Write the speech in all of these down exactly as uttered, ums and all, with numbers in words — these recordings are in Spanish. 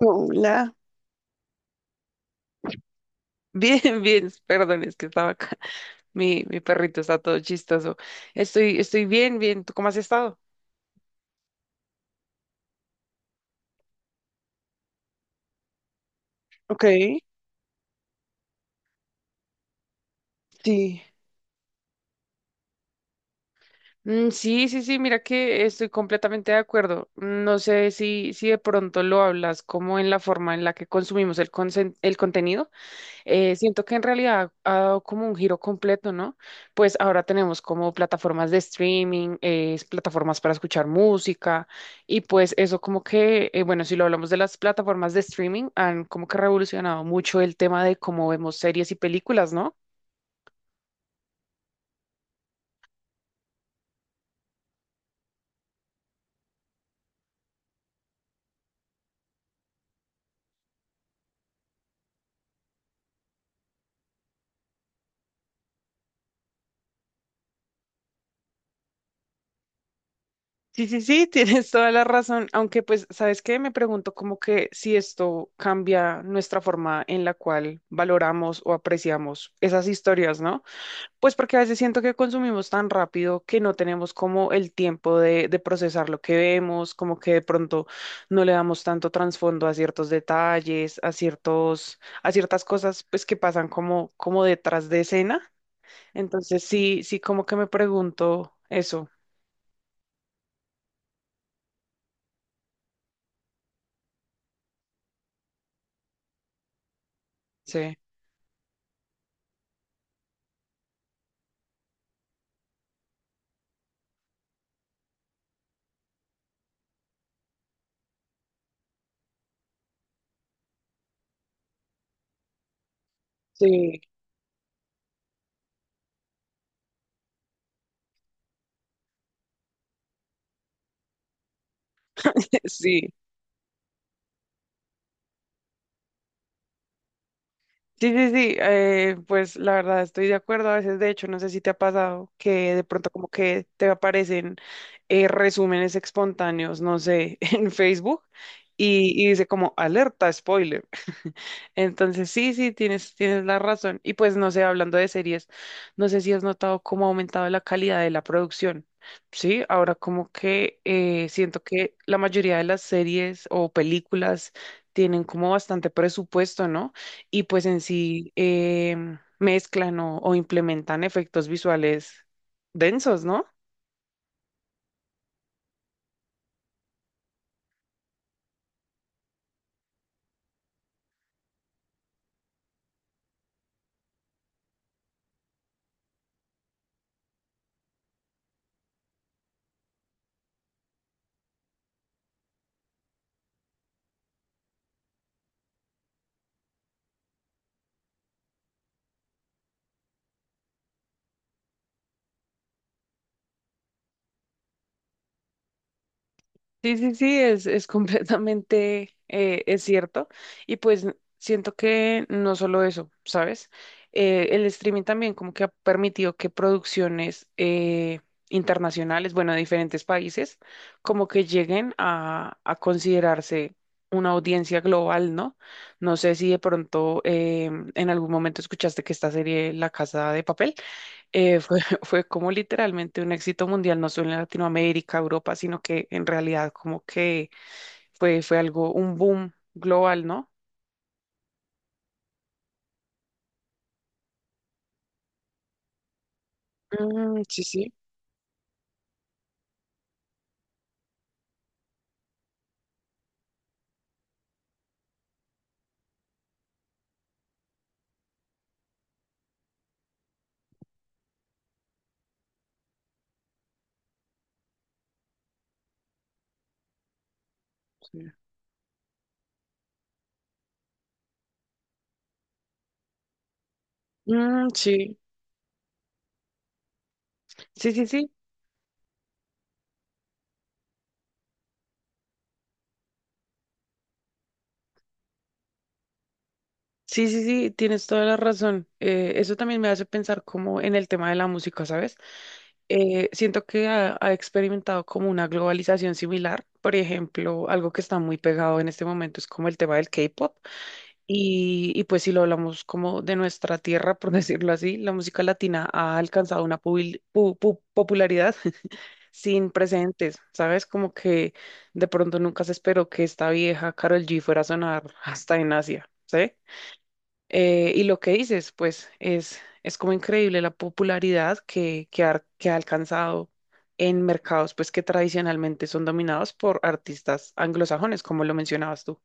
Hola. Bien, bien, perdón, es que estaba acá. Mi, mi perrito está todo chistoso. Estoy, estoy bien, bien. ¿Tú cómo has estado? Ok, sí. Mm, sí, sí, sí, mira que estoy completamente de acuerdo. No sé si, si de pronto lo hablas como en la forma en la que consumimos el, consen- el contenido. Eh, siento que en realidad ha dado como un giro completo, ¿no? Pues ahora tenemos como plataformas de streaming, eh, plataformas para escuchar música y pues eso como que, eh, bueno, si lo hablamos de las plataformas de streaming, han como que revolucionado mucho el tema de cómo vemos series y películas, ¿no? Sí, sí, sí, tienes toda la razón, aunque pues, ¿sabes qué? Me pregunto como que si esto cambia nuestra forma en la cual valoramos o apreciamos esas historias, ¿no? Pues porque a veces siento que consumimos tan rápido que no tenemos como el tiempo de, de procesar lo que vemos, como que de pronto no le damos tanto trasfondo a ciertos detalles, a ciertos, a ciertas cosas pues que pasan como, como detrás de escena. Entonces sí, sí como que me pregunto eso. Sí, sí, sí. Sí, sí, sí, eh, pues la verdad estoy de acuerdo. A veces, de hecho, no sé si te ha pasado que de pronto como que te aparecen eh, resúmenes espontáneos, no sé, en Facebook y, y dice como alerta, spoiler. Entonces, sí, sí, tienes, tienes la razón. Y pues, no sé, hablando de series, no sé si has notado cómo ha aumentado la calidad de la producción. Sí, ahora como que eh, siento que la mayoría de las series o películas tienen como bastante presupuesto, ¿no? Y pues en sí em, mezclan o, o implementan efectos visuales densos, ¿no? Sí, sí, sí, es, es completamente, eh, es cierto. Y pues siento que no solo eso, ¿sabes? Eh, el streaming también como que ha permitido que producciones eh, internacionales, bueno, de diferentes países, como que lleguen a, a considerarse una audiencia global, ¿no? No sé si de pronto em, en algún momento escuchaste que esta serie La Casa de Papel eh, fue, fue como literalmente un éxito mundial, no solo en Latinoamérica, Europa, sino que en realidad como que fue, fue algo, un boom global, ¿no? Mm, sí, sí. Sí. Mm, sí, sí, sí, sí, sí, sí, sí, tienes toda la razón. Eh, eso también me hace pensar como en el tema de la música, ¿sabes? Eh, siento que ha, ha experimentado como una globalización similar. Por ejemplo, algo que está muy pegado en este momento es como el tema del K-pop. Y, y pues si lo hablamos como de nuestra tierra, por decirlo así, la música latina ha alcanzado una pubil- pu- pu- popularidad sin precedentes, ¿sabes? Como que de pronto nunca se esperó que esta vieja Karol G fuera a sonar hasta en Asia, ¿sí? Eh, y lo que dices, pues es, es como increíble la popularidad que, que, ha, que ha alcanzado en mercados pues que tradicionalmente son dominados por artistas anglosajones, como lo mencionabas tú.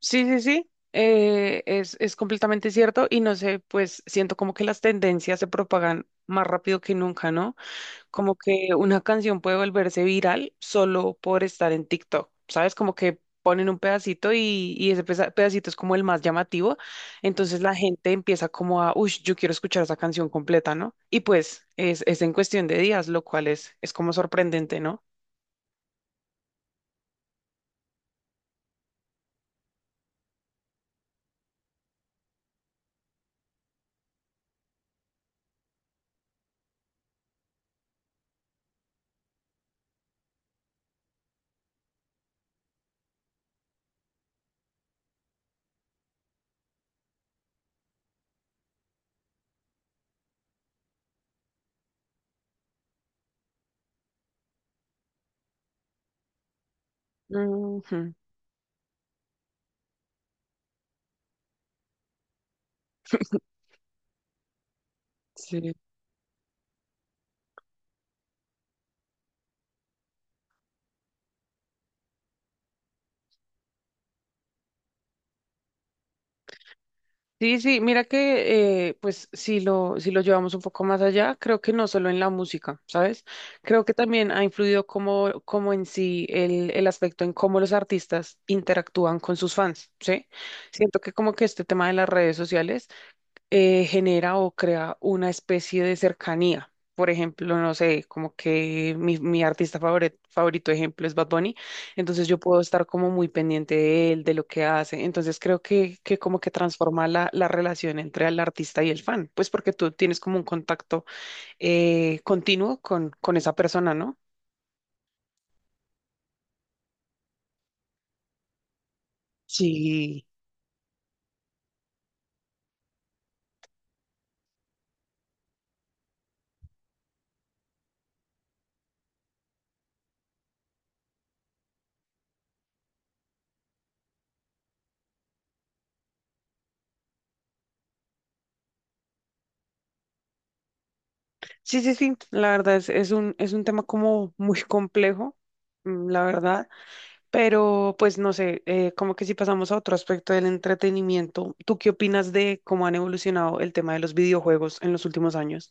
Sí, sí, sí, eh, es, es completamente cierto y no sé, pues siento como que las tendencias se propagan más rápido que nunca, ¿no? Como que una canción puede volverse viral solo por estar en TikTok, ¿sabes? Como que ponen un pedacito y, y ese pesa- pedacito es como el más llamativo, entonces la gente empieza como a, uy, yo quiero escuchar esa canción completa, ¿no? Y pues es, es en cuestión de días, lo cual es, es como sorprendente, ¿no? Ujú. Sí. Sí, sí, mira que eh, pues si lo, si lo llevamos un poco más allá, creo que no solo en la música, ¿sabes? Creo que también ha influido como, como en sí el, el aspecto en cómo los artistas interactúan con sus fans, ¿sí? Siento que como que este tema de las redes sociales eh, genera o crea una especie de cercanía. Por ejemplo, no sé, como que mi, mi artista favore- favorito, ejemplo, es Bad Bunny, entonces yo puedo estar como muy pendiente de él, de lo que hace. Entonces creo que, que como que transforma la, la relación entre el artista y el fan, pues porque tú tienes como un contacto eh, continuo con, con esa persona, ¿no? Sí, sí, sí, sí, la verdad es, es un, es un tema como muy complejo, mm, la verdad. Pero pues no sé, eh, como que si pasamos a otro aspecto del entretenimiento, ¿tú qué opinas de cómo han evolucionado el tema de los videojuegos en los últimos años?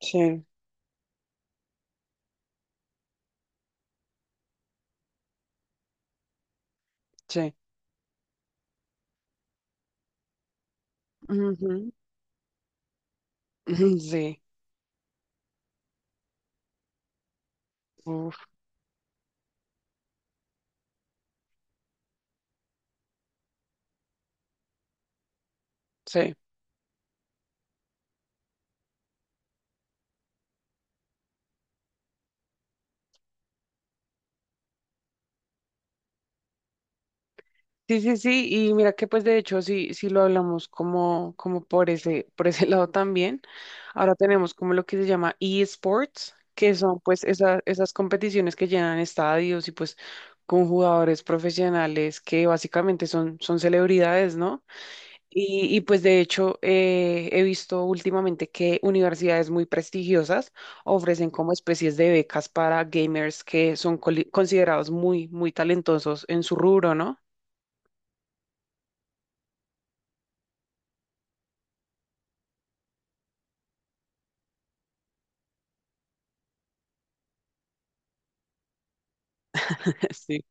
Sí, sí. Ujú. Sí, uf, sí. Sí, sí, sí, y mira que pues de hecho sí, sí lo hablamos como, como por ese, por ese lado también. Ahora tenemos como lo que se llama eSports, que son pues esa- esas competiciones que llenan estadios y pues con jugadores profesionales que básicamente son, son celebridades, ¿no? Y, y, pues de hecho eh, he visto últimamente que universidades muy prestigiosas ofrecen como especies de becas para gamers que son coli- considerados muy, muy talentosos en su rubro, ¿no? Sí.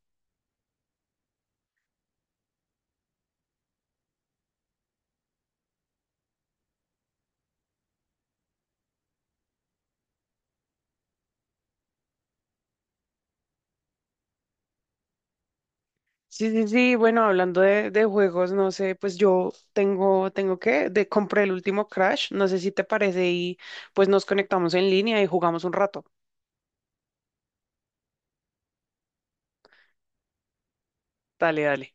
Sí, sí, sí, bueno, hablando de, de juegos, no sé, pues yo tengo, tengo que, de, compré el último Crash, no sé si te parece y pues nos conectamos en línea y jugamos un rato. Dale, dale.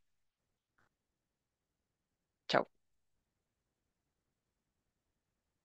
Chao.